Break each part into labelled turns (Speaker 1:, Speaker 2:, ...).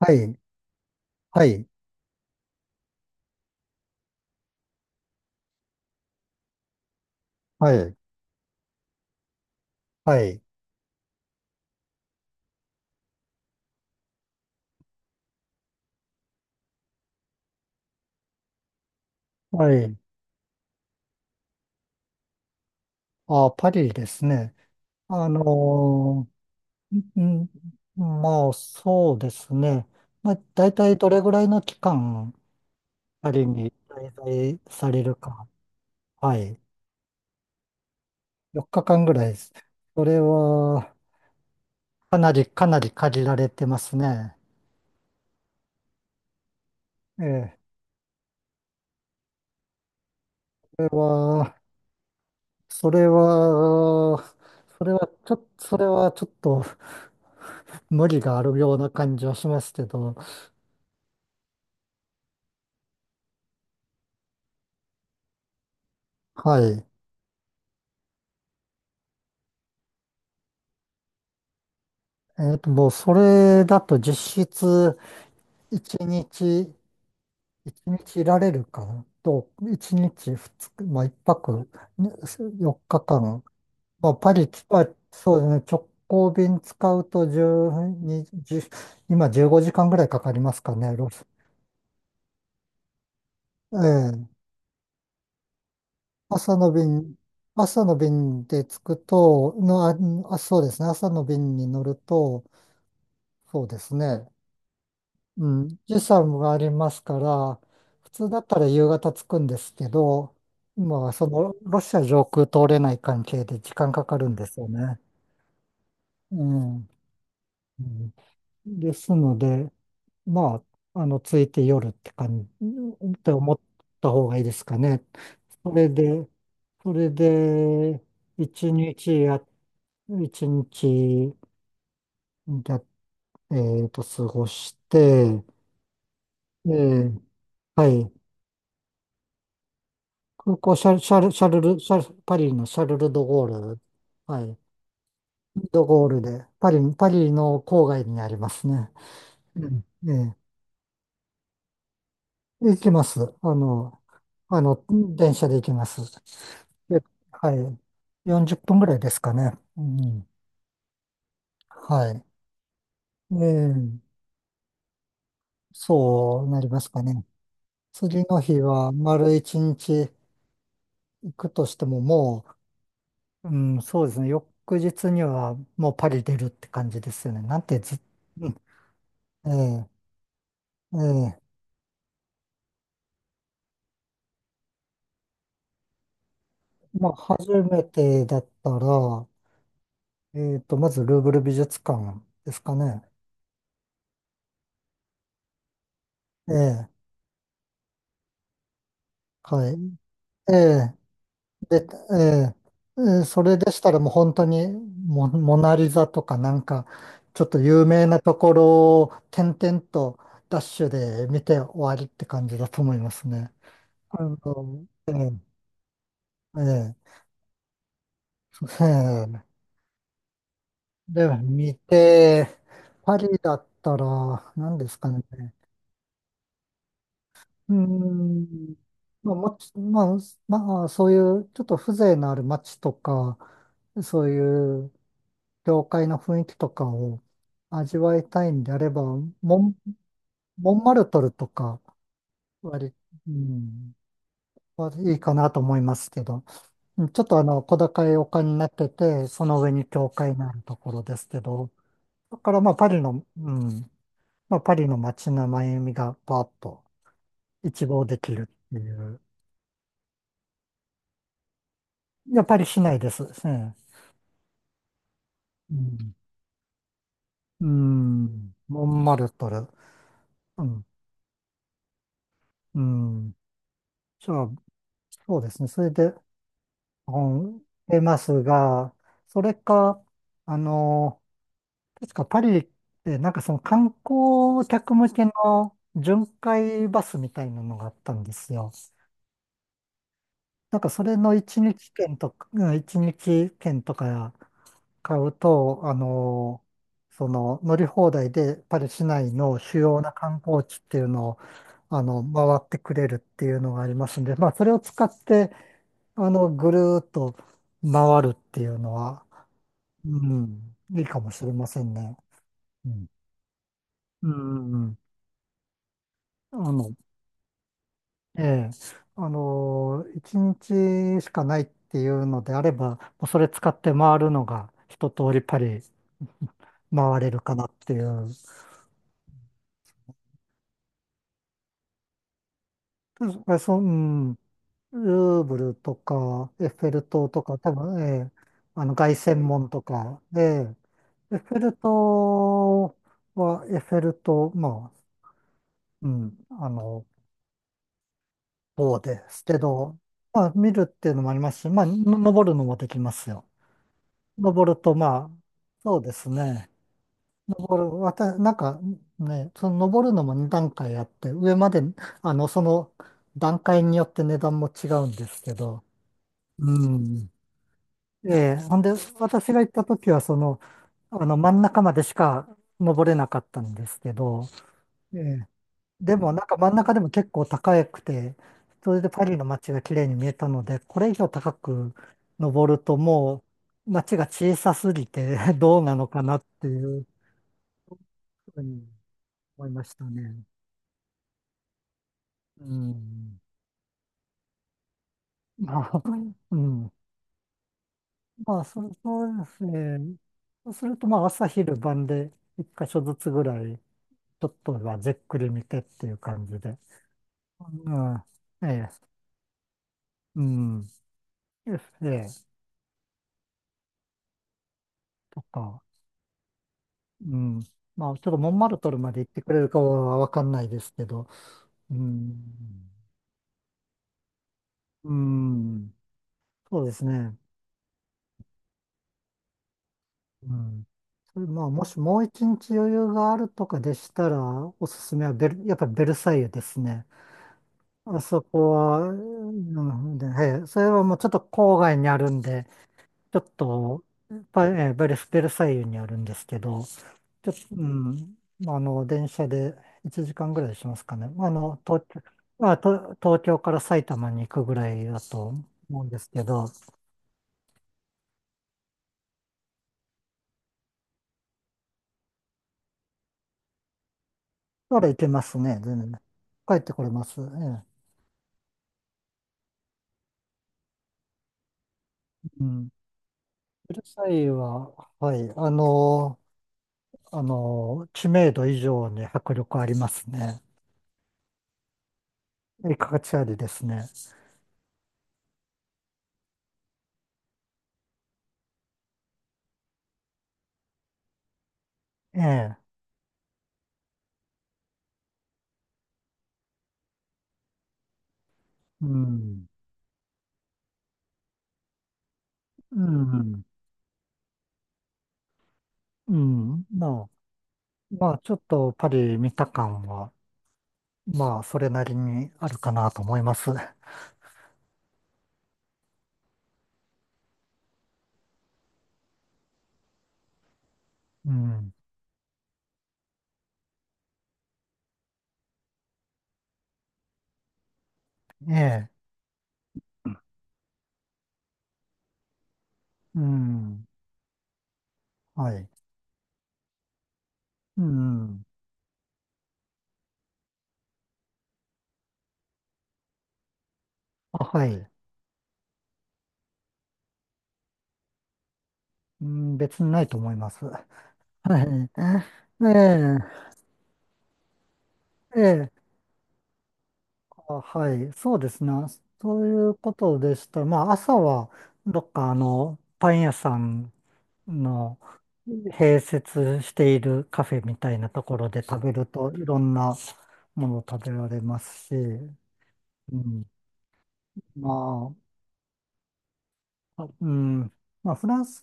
Speaker 1: はい、はい、はい、はい、はい。あ、パリですね。あのー、ん、まあ、そうですね。まあ、大体どれぐらいの期間、パリに滞在されるか。はい。4日間ぐらいです。それは、かなり限られてますね。ええ、それは、それは、それはちょっと無理があるような感じはしますけど、はい。もうそれだと実質1日、一日いられるかなと、1泊ね4日間。まあパリ来た、そうですね。直行便使うと12時、じゅ今15時間ぐらいかかりますかね。ロスええ、朝の便、朝の便で着くと、の、あ、あそうですね、朝の便に乗ると、そうですね。うん、時差もありますから、普通だったら夕方着くんですけど、今はそのロシア上空通れない関係で時間かかるんですよね。うん。うんですので、まあ、着いて夜って感じ、って思った方がいいですかね。それで、それで、一日や、一日や、えっと、過ごして、えーはい。空港シャル、シャル、シャルル、シャル、パリのシャルル・ド・ゴール、はい。ド・ゴールで、パリの郊外にありますね。うんええ、行きます。あの、電車で行きます。で、はい。40分ぐらいですかね。うん。はい。ええ、そうなりますかね。次の日は丸一日行くとしてもそうですね。翌日にはもうパリ出るって感じですよね。なんてず、ええ、ええ。まあ、初めてだったら、まずルーブル美術館ですかね。ええ、はい。ええ、で、ええ、それでしたらもう本当にモナリザとかなんか、ちょっと有名なところを点々とダッシュで見て終わりって感じだと思いますね。あの、ええ、ええ、ええで、見て、パリだったら、何ですかね。うーん。まあ、もち、まあ、まあ、そういうちょっと風情のある街とか、そういう教会の雰囲気とかを味わいたいんであれば、ン、モンマルトルとか、割、うん、はいいかなと思いますけど、うんちょっと小高い丘になってて、その上に教会のあるところですけど、だからまあ、パリの、うん、まあ、パリの街の繭みがパーッと一望できるっていう。やっぱりしないです。うんうん。うん。モンマルトル。うん。うん。じゃあ、そうですね。それで、うん、出ますが、それか、あの、確かパリってなんかその観光客向けの巡回バスみたいなのがあったんですよ。なんかそれの一日券とか買うと、その乗り放題でパリ市内の主要な観光地っていうのを、回ってくれるっていうのがありますんで、まあ、それを使って、ぐるーっと回るっていうのは、ういいかもしれませんね。うん。うんうんうん。あの、ええ、一日しかないっていうのであれば、もうそれ使って回るのが一通りパリ回れるかなっていう。そう。うんルーブルとか、エッフェル塔とか、多分、ええ、凱旋門とか、ええ、エッフェル塔エッフェル塔、まあ、うん、あの、塔ですけど、まあ、見るっていうのもありますし、まあ、登るのもできますよ。登ると、まあ、そうですね。登る、わた、なんか、ね、その登るのも2段階あって、上まで、その段階によって値段も違うんですけど、うん。ええ、ほんで、私が行った時は、真ん中までしか登れなかったんですけど、ええ、でも、なんか真ん中でも結構高くて、それでパリの街が綺麗に見えたので、これ以上高く登るともう街が小さすぎて どうなのかなっていうふうに思いましたね。うん。まあ。うん。まあ、そうですね。そうすると、まあ、朝昼晩で一箇所ずつぐらいちょっとはじっくり見てっていう感じで。うん、ええ、うん、ええ、とか、うん。まあ、ちょっとモンマルトルまで行ってくれるかはわかんないですけど、うん、うん、そうですね。うん。それまあ、もしもう一日余裕があるとかでしたら、おすすめはやっぱベルサイユですね。あそこは、ええ、それはもうちょっと郊外にあるんで、ちょっと、パえーブレスベルサイユにあるんですけど、ちょっと、まあ、電車で1時間ぐらいしますかね。まあ、東京、まあ、と東京から埼玉に行くぐらいだと思うんですけど、なら行けますね、全然。帰ってこれます。ええ。うん。ベルサイユは、はい、知名度以上に迫力ありますね。いい価値ありですね。ええ。うん。うん。うん。まあ、ちょっとパリ見た感は、まあ、それなりにあるかなと思います。うん。ええ。うん。はい。うん。あ、はい。うん、別にないと思います。はい。ええ。ええ。あ、はい。そうですね。そういうことでした。まあ、朝は、どっかパン屋さんの併設しているカフェみたいなところで食べると、いろんなものを食べられますし、うん。まあ、まあ、フランス、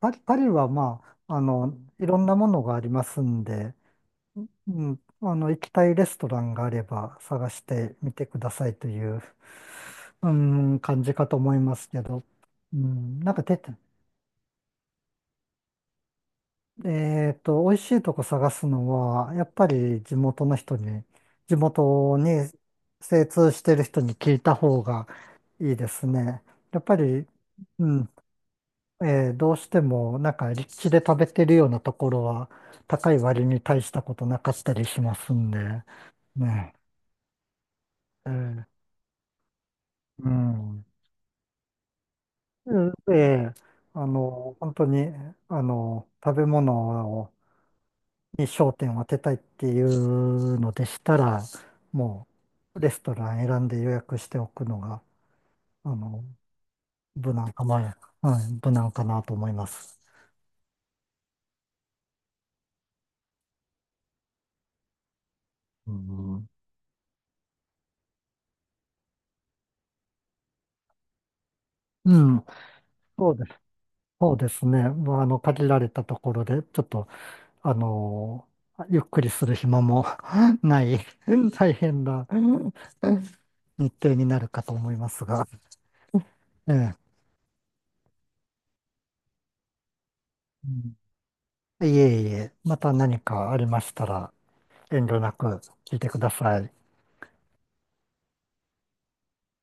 Speaker 1: パリ、パリはまあ、いろんなものがありますんで、うん、行きたいレストランがあれば探してみてくださいという、うん、感じかと思いますけど、うん。なんかて、えっと、美味しいとこ探すのは、やっぱり地元に精通してる人に聞いた方がいいですね。やっぱり。うん。どうしてもなんか立地で食べてるようなところは高い割に大したことなかったりしますんで、ね。えーうん。うえあの、本当に、食べ物をに焦点を当てたいっていうのでしたら、もうレストラン選んで予約しておくのが、あの、無難かな、はい、無難かなと思います。うん、うん、そうですね、そうですね。まあ、限られたところで、ちょっと、あのゆっくりする暇も ない 大変な 日程になるかと思いますが、ええ。うんいえいえ、また何かありましたら、遠慮なく聞いてください。